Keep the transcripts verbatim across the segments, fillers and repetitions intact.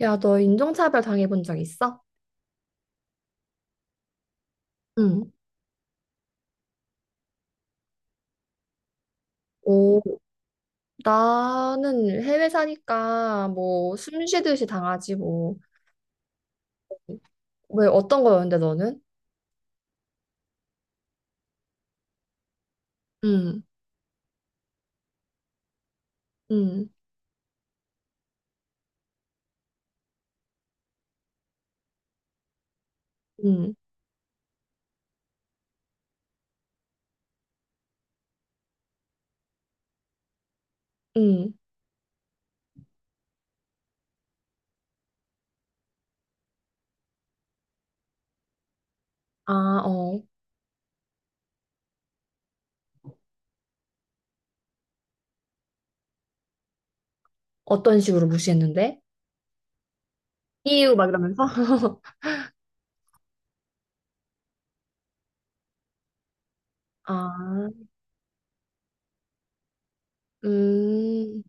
야, 너 인종차별 당해본 적 있어? 응. 오. 나는 해외 사니까 뭐 숨 쉬듯이 당하지 뭐. 왜 어떤 거였는데 너는? 응, 응, 응. 응. 아, 어. 어떤 식으로 무시했는데? 이유 막 이러면서? 아, 음.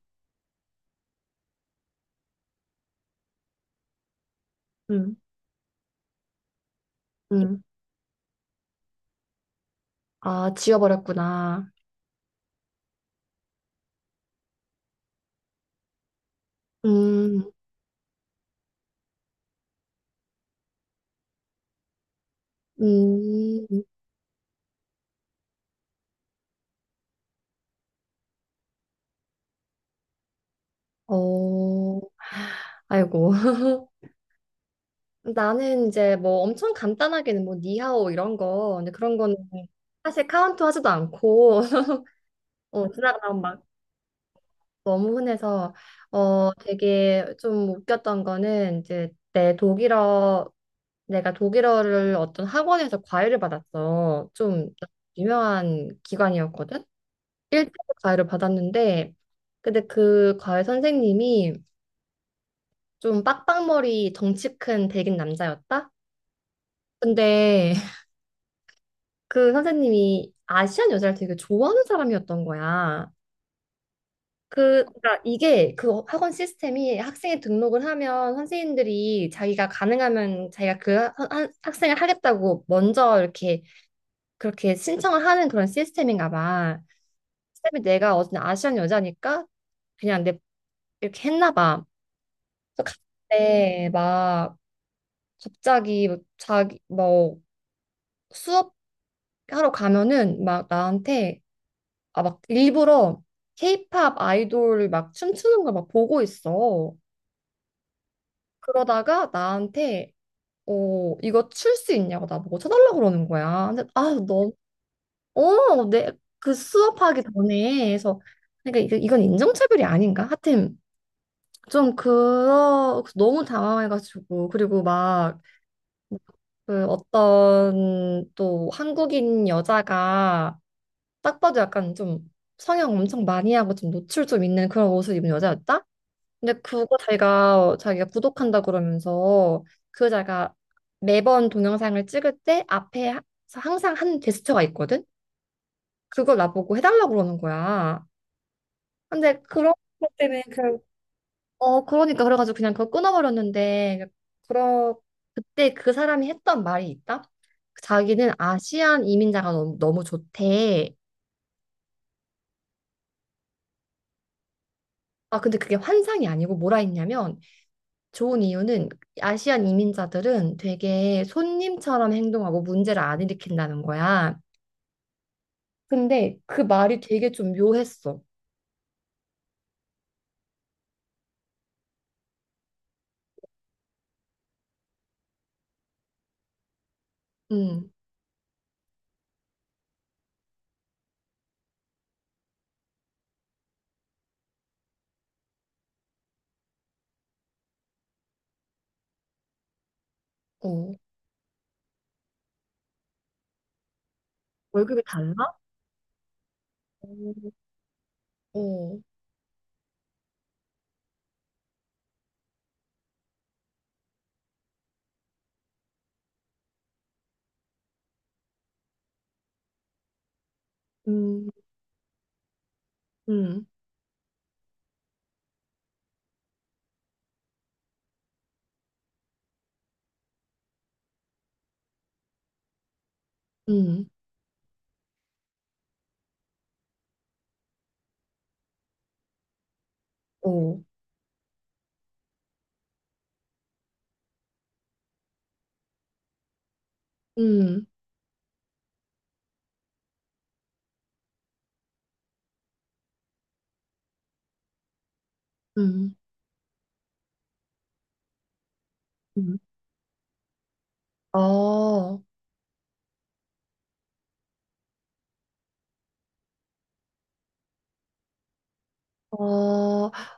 응, 응, 아, 지워버렸구나. 음. 음. 어. 아이고. 나는 이제 뭐 엄청 간단하게는 뭐 니하오 이런 거. 근데 그런 거는 사실 카운트 하지도 않고. 어, 그다음 막 너무 흔해서. 어, 되게 좀 웃겼던 거는 이제 내 독일어, 내가 독일어를 어떤 학원에서 과외를 받았어. 좀 유명한 기관이었거든. 일 대 과외를 받았는데, 근데 그 과외 선생님이 좀 빡빡머리 덩치 큰 백인 남자였다. 근데 그 선생님이 아시안 여자를 되게 좋아하는 사람이었던 거야. 그, 그러니까 이게 그 학원 시스템이, 학생이 등록을 하면 선생님들이 자기가 가능하면 자기가 그 하- 하- 학생을 하겠다고 먼저 이렇게 그렇게 신청을 하는 그런 시스템인가 봐. 시이 내가 어쨌 아시안 여자니까 그냥 내 이렇게 했나 봐. 그래서 갔는데 막 갑자기 뭐 자기 뭐 수업 하러 가면은 막 나한테, 아, 막 일부러 케이팝 아이돌 막 춤추는 걸 막 보고 있어. 그러다가 나한테, 어, 이거 출 수 있냐고 나보고 쳐달라고 그러는 거야. 근데 아, 너. 어, 내 그 수업하기 전에 해서 그러니까 이거- 이건 인종차별이 아닌가? 하여튼 좀 그러 너무 당황해가지고, 그리고 막 그 어떤 또 한국인 여자가 딱 봐도 약간 좀 성형 엄청 많이 하고 좀 노출 좀 있는 그런 옷을 입은 여자였다. 근데 그거 자기가 자기가 구독한다 그러면서 그 자기가 매번 동영상을 찍을 때 앞에 하- 항상 한 제스처가 있거든. 그걸 나보고 해달라고 그러는 거야. 근데 그런 것 때문에 그냥, 어, 그러니까 그래가지고 그냥 그거 끊어버렸는데, 그러 그때 그 사람이 했던 말이 있다. 자기는 아시안 이민자가 너무, 너무 좋대. 아 근데 그게 환상이 아니고 뭐라 했냐면, 좋은 이유는 아시안 이민자들은 되게 손님처럼 행동하고 문제를 안 일으킨다는 거야. 근데 그 말이 되게 좀 묘했어. 음, 어. 월급이 달라? 어, 어, 음, 음, 음, 어, 음, 음, 음. 아, 어,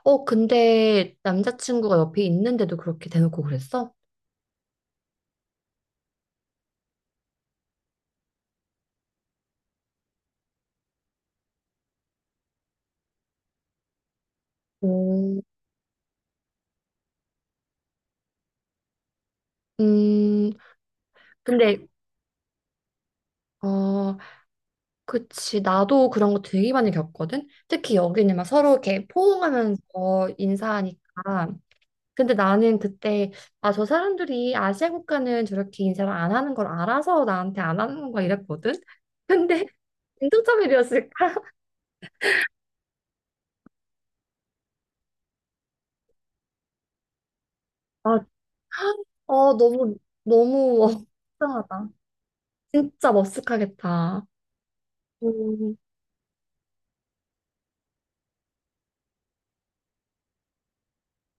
어, 근데 남자친구가 옆에 있는데도 그렇게 대놓고 그랬어? 오, 음, 근데, 어, 그치, 나도 그런 거 되게 많이 겪거든? 특히 여기는 막 서로 이렇게 포옹하면서 인사하니까. 근데 나는 그때, 아, 저 사람들이 아시아 국가는 저렇게 인사를 안 하는 걸 알아서 나한테 안 하는 건가 이랬거든? 근데 공차점이었을까. 아, 어, 너무, 너무, 어, 이상하다. 진짜 머쓱하겠다. 오.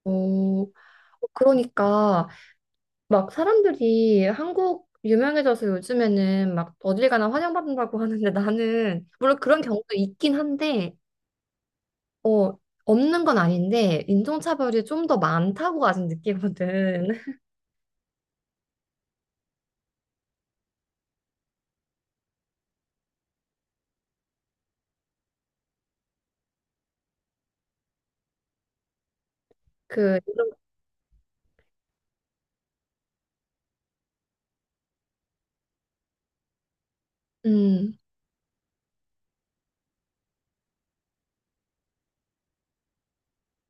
오. 그러니까. 막 사람들이 한국 유명해져서 요즘에는 막 어딜 가나 환영받는다고 하는데, 나는 물론 그런 경우도 있긴 한데 어 없는 건 아닌데 인종차별이 좀 더 많다고 아직 느끼거든. 그 음.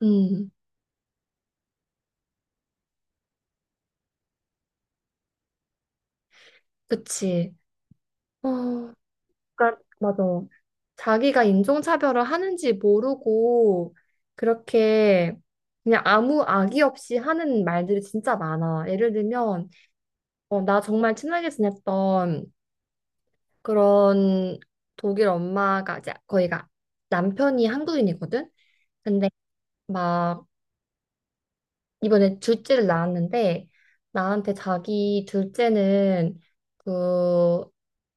음. 그치. 어, 그러니까 맞아. 자기가 인종차별을 하는지 모르고 그렇게 그냥 아무 악의 없이 하는 말들이 진짜 많아. 예를 들면, 어, 나 정말 친하게 지냈던 그런 독일 엄마가 이제 거기가 남편이 한국인이거든. 근데 막 이번에 둘째를 낳았는데, 나한테 자기 둘째는 그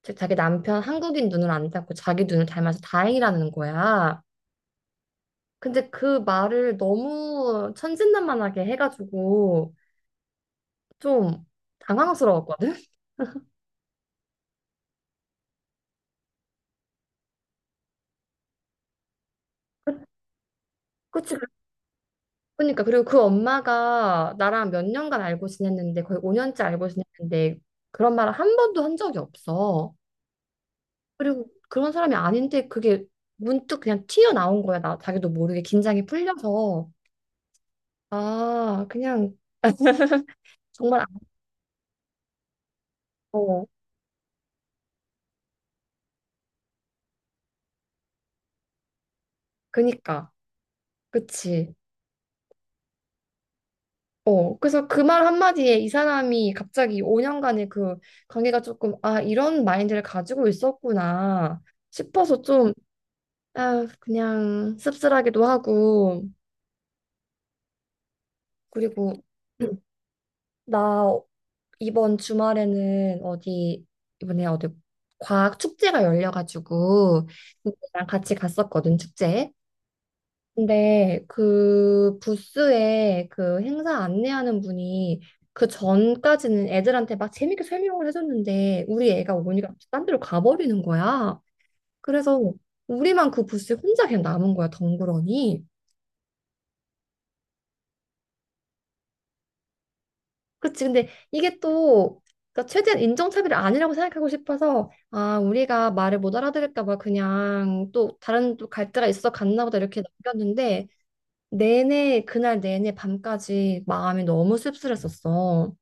자- 자기 남편 한국인 눈을 안 닮고 자기 눈을 닮아서 다행이라는 거야. 근데 그 말을 너무 천진난만하게 해가지고 좀 당황스러웠거든. 그치? 그러니까. 그리고 그 엄마가 나랑 몇 년간 알고 지냈는데, 거의 오 년째 알고 지냈는데 그런 말을 한 번도 한 적이 없어. 그리고 그런 사람이 아닌데 그게 문득 그냥 튀어나온 거야. 나 자기도 모르게 긴장이 풀려서 아 그냥 정말 안-. 어 그니까 그치. 어, 그래서 그 말 한마디에 이 사람이 갑자기 오 년간의 그 관계가 조금, 아, 이런 마인드를 가지고 있었구나 싶어서 좀 아, 그냥 씁쓸하기도 하고. 그리고 나 이번 주말에는 어디 이번에 어디 과학 축제가 열려가지고 친구랑 같이 갔었거든, 축제에. 근데 그 부스에 그 행사 안내하는 분이 그 전까지는 애들한테 막 재밌게 설명을 해줬는데 우리 애가 오니까 딴 데로 가버리는 거야. 그래서 우리만 그 부스에 혼자 그냥 남은 거야 덩그러니. 그치. 근데 이게 또, 그러니까 최대한 인종차별이 아니라고 생각하고 싶어서, 아, 우리가 말을 못 알아들을까 봐 그냥 또 다른 또 갈대가 있어 갔나 보다 이렇게 남겼는데, 내내, 그날 내내 밤까지 마음이 너무 씁쓸했었어.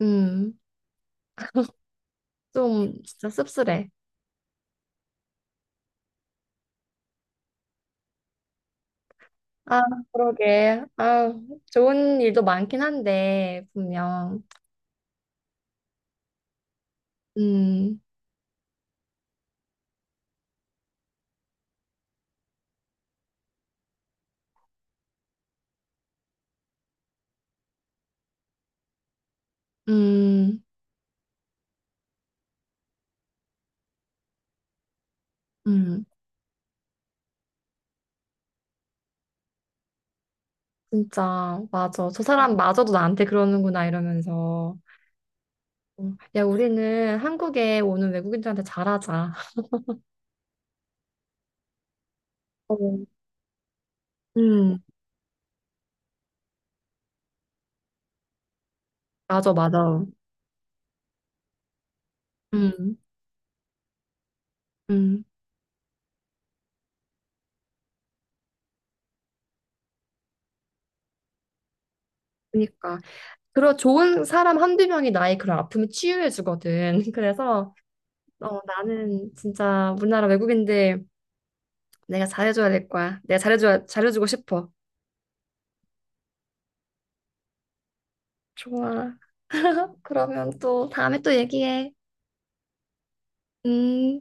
음, 좀 진짜 씁쓸해. 아, 그러게. 아, 좋은 일도 많긴 한데, 분명. 음, 음, 음. 진짜, 맞아. 저 사람 마저도 나한테 그러는구나, 이러면서. 어, 야, 우리는 한국에 오는 외국인들한테 잘하자. 어, 음, 맞아, 맞아. 음, 음. 그러니까. 그리고 좋은 사람 한두 명이 나의 그런 아픔을 치유해주거든. 그래서, 어, 나는 진짜 우리나라 외국인들 내가 잘해줘야 될 거야. 내가 잘해줘야, 잘해주고 싶어. 좋아. 그러면 또 다음에 또 얘기해. 음.